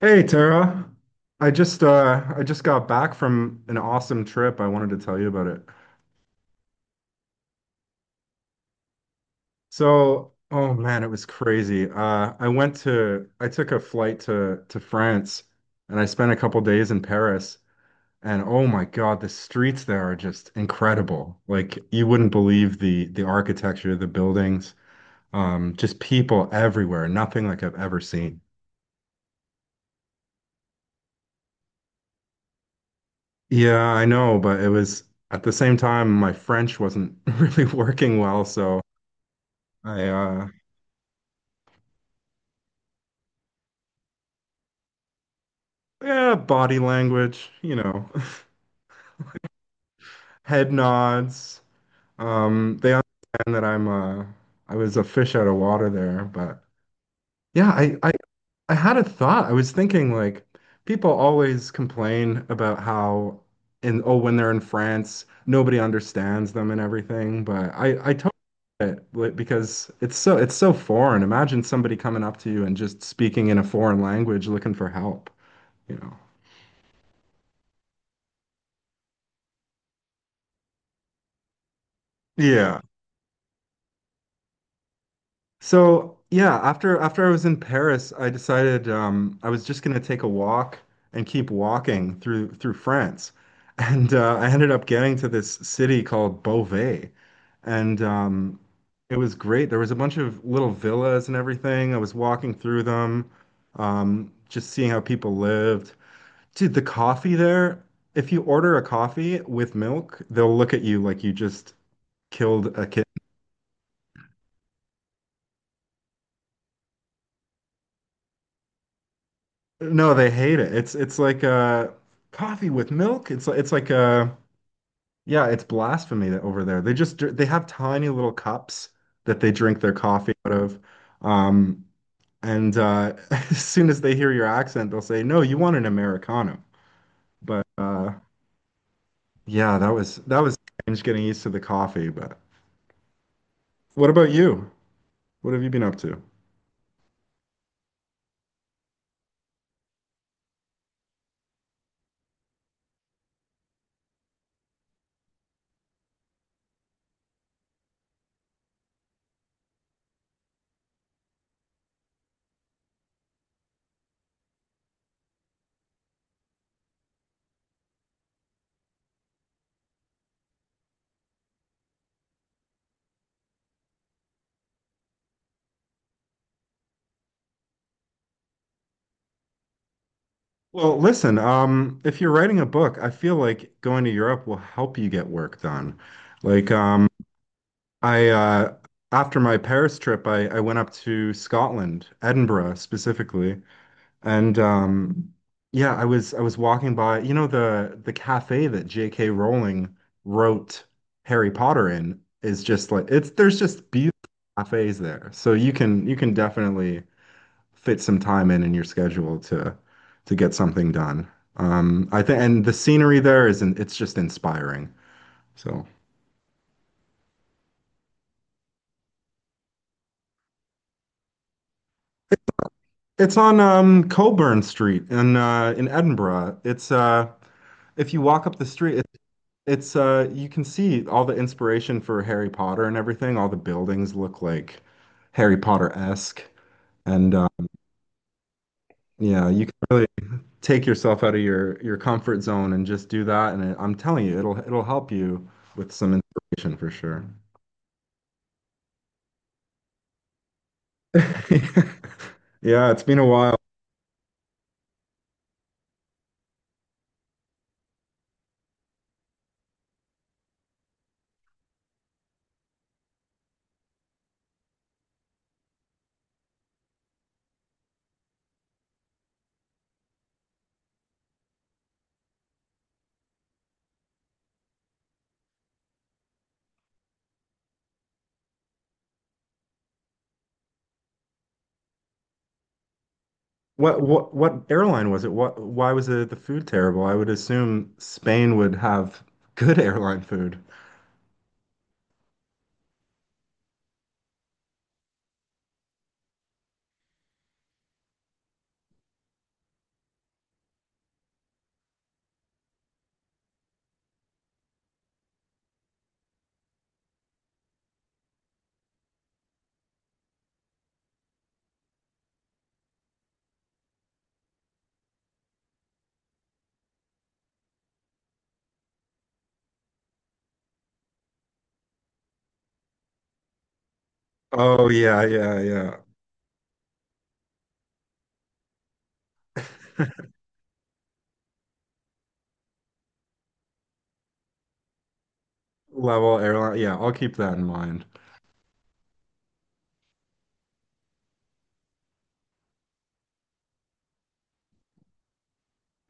Hey Tara, I just got back from an awesome trip. I wanted to tell you about it. So, oh man, it was crazy. I took a flight to France, and I spent a couple days in Paris. And oh my God, the streets there are just incredible. Like, you wouldn't believe the architecture, the buildings, just people everywhere, nothing like I've ever seen. Yeah, I know, but it was, at the same time, my French wasn't really working well, so I yeah, body language, head nods. They understand that I was a fish out of water there, but yeah, I had a thought. I was thinking, like, people always complain about how in oh when they're in France, nobody understands them and everything, but I totally get it, like, because it's so foreign. Imagine somebody coming up to you and just speaking in a foreign language looking for help, you know. So yeah, after I was in Paris, I decided, I was just going to take a walk and keep walking through France, and I ended up getting to this city called Beauvais. And it was great. There was a bunch of little villas and everything. I was walking through them, just seeing how people lived. Dude, the coffee there, if you order a coffee with milk, they'll look at you like you just killed a kid. No, they hate it. It's like coffee with milk. It's like yeah, it's blasphemy that over there. They just they have tiny little cups that they drink their coffee out of. Um and as soon as they hear your accent, they'll say, "No, you want an Americano." But yeah, that was strange getting used to the coffee. But what about you? What have you been up to? Well, listen, if you're writing a book, I feel like going to Europe will help you get work done. Like, I after my Paris trip, I went up to Scotland, Edinburgh specifically. And yeah, I was walking by, the cafe that J.K. Rowling wrote Harry Potter in, is just like, it's there's just beautiful cafes there. So you can definitely fit some time in your schedule to get something done. I think, and the scenery there is it's just inspiring. So, it's on, Coburn Street in Edinburgh. It's if you walk up the street, it, it's you can see all the inspiration for Harry Potter and everything. All the buildings look like Harry Potter-esque, and yeah, you can really take yourself out of your comfort zone and just do that. And I'm telling you, it'll help you with some inspiration for sure. Yeah, it's been a while. What airline was it? What why was the food terrible? I would assume Spain would have good airline food. Oh yeah, yeah, yeah. Level airline. Yeah, I'll keep that in mind.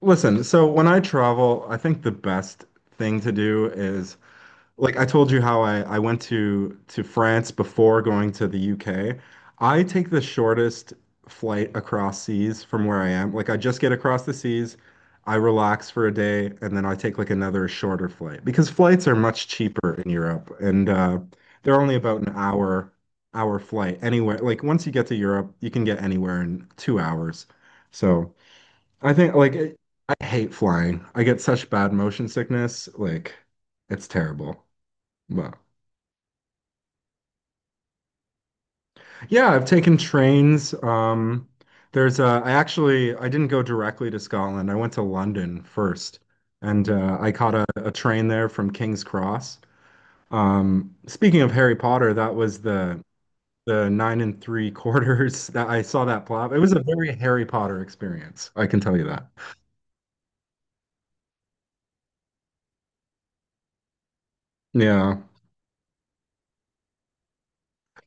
Listen, so when I travel, I think the best thing to do is, like I told you how I went to France before going to the UK. I take the shortest flight across seas from where I am. Like, I just get across the seas, I relax for a day, and then I take, like, another shorter flight, because flights are much cheaper in Europe, and they're only about an hour flight anywhere. Like, once you get to Europe, you can get anywhere in 2 hours. So, I think, like, I hate flying. I get such bad motion sickness. Like, it's terrible. Wow. Yeah, I've taken trains. There's I actually I didn't go directly to Scotland. I went to London first, and I caught a train there from King's Cross. Speaking of Harry Potter, that was the nine and three quarters that I saw, that plop. It was a very Harry Potter experience, I can tell you that. Yeah.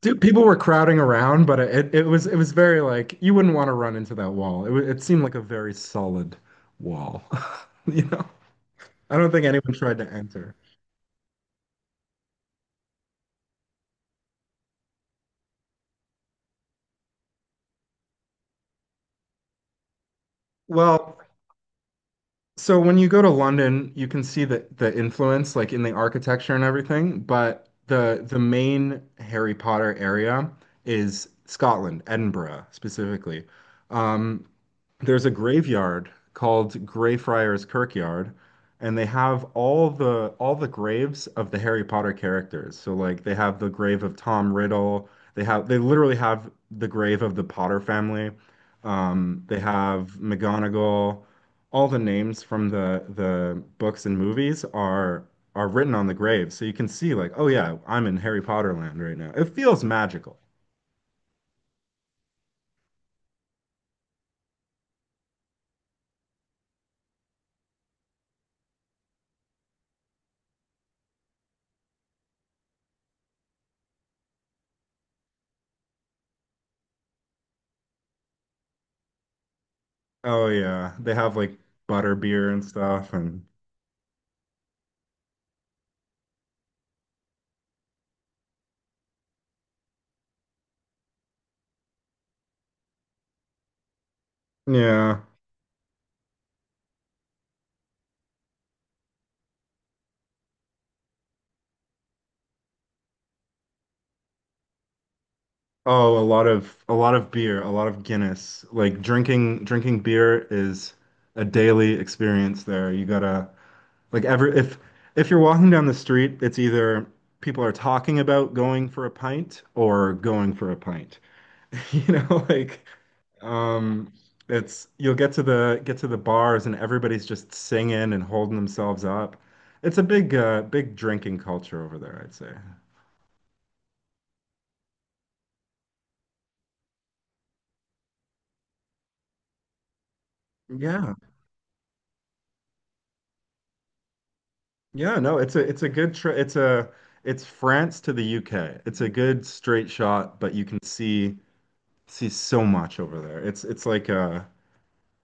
Dude, people were crowding around, but it was very, like, you wouldn't want to run into that wall. It seemed like a very solid wall, you know? I don't think anyone tried to enter. Well, so when you go to London, you can see the influence, like, in the architecture and everything, but the main Harry Potter area is Scotland, Edinburgh specifically. Um, there's a graveyard called Greyfriars Kirkyard, and they have all the graves of the Harry Potter characters. So, like, they have the grave of Tom Riddle. They literally have the grave of the Potter family. They have McGonagall. All the names from the books and movies are written on the grave. So you can see, like, oh yeah, I'm in Harry Potter land right now. It feels magical. Oh yeah, they have like butterbeer and stuff, and yeah. Oh, a lot of beer, a lot of Guinness. Like, drinking beer is a daily experience there. You gotta, like, every if you're walking down the street, it's either people are talking about going for a pint or going for a pint. You know, like, um it's you'll get to the bars, and everybody's just singing and holding themselves up. It's a big drinking culture over there, I'd say. Yeah. Yeah, no, it's a good tra it's a it's France to the UK. It's a good straight shot, but you can see so much over there. It's like,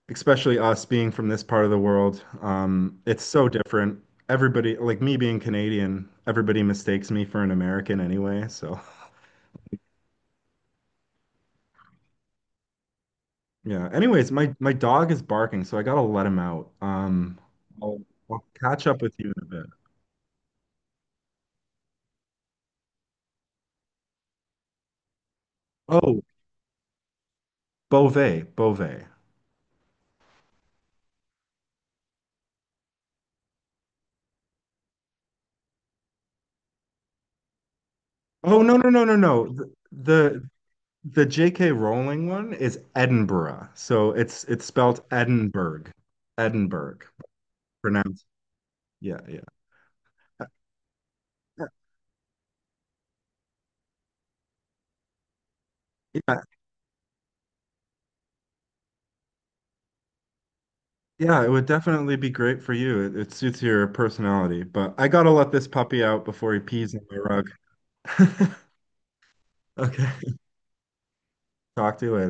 especially us being from this part of the world, it's so different. Everybody, like, me being Canadian, everybody mistakes me for an American anyway, so yeah. Anyways, my dog is barking, so I gotta let him out. I'll, I'll catch up with you in a bit. Oh, Beauvais, Beauvais. Oh, no no no no no. The J.K. Rowling one is Edinburgh. So it's spelled Edinburgh. Edinburgh. Pronounced. Yeah, yeah. Uh, uh, yeah, yeah, it would definitely be great for you. It suits your personality, but I gotta let this puppy out before he pees on my rug. Okay. Talk to you later.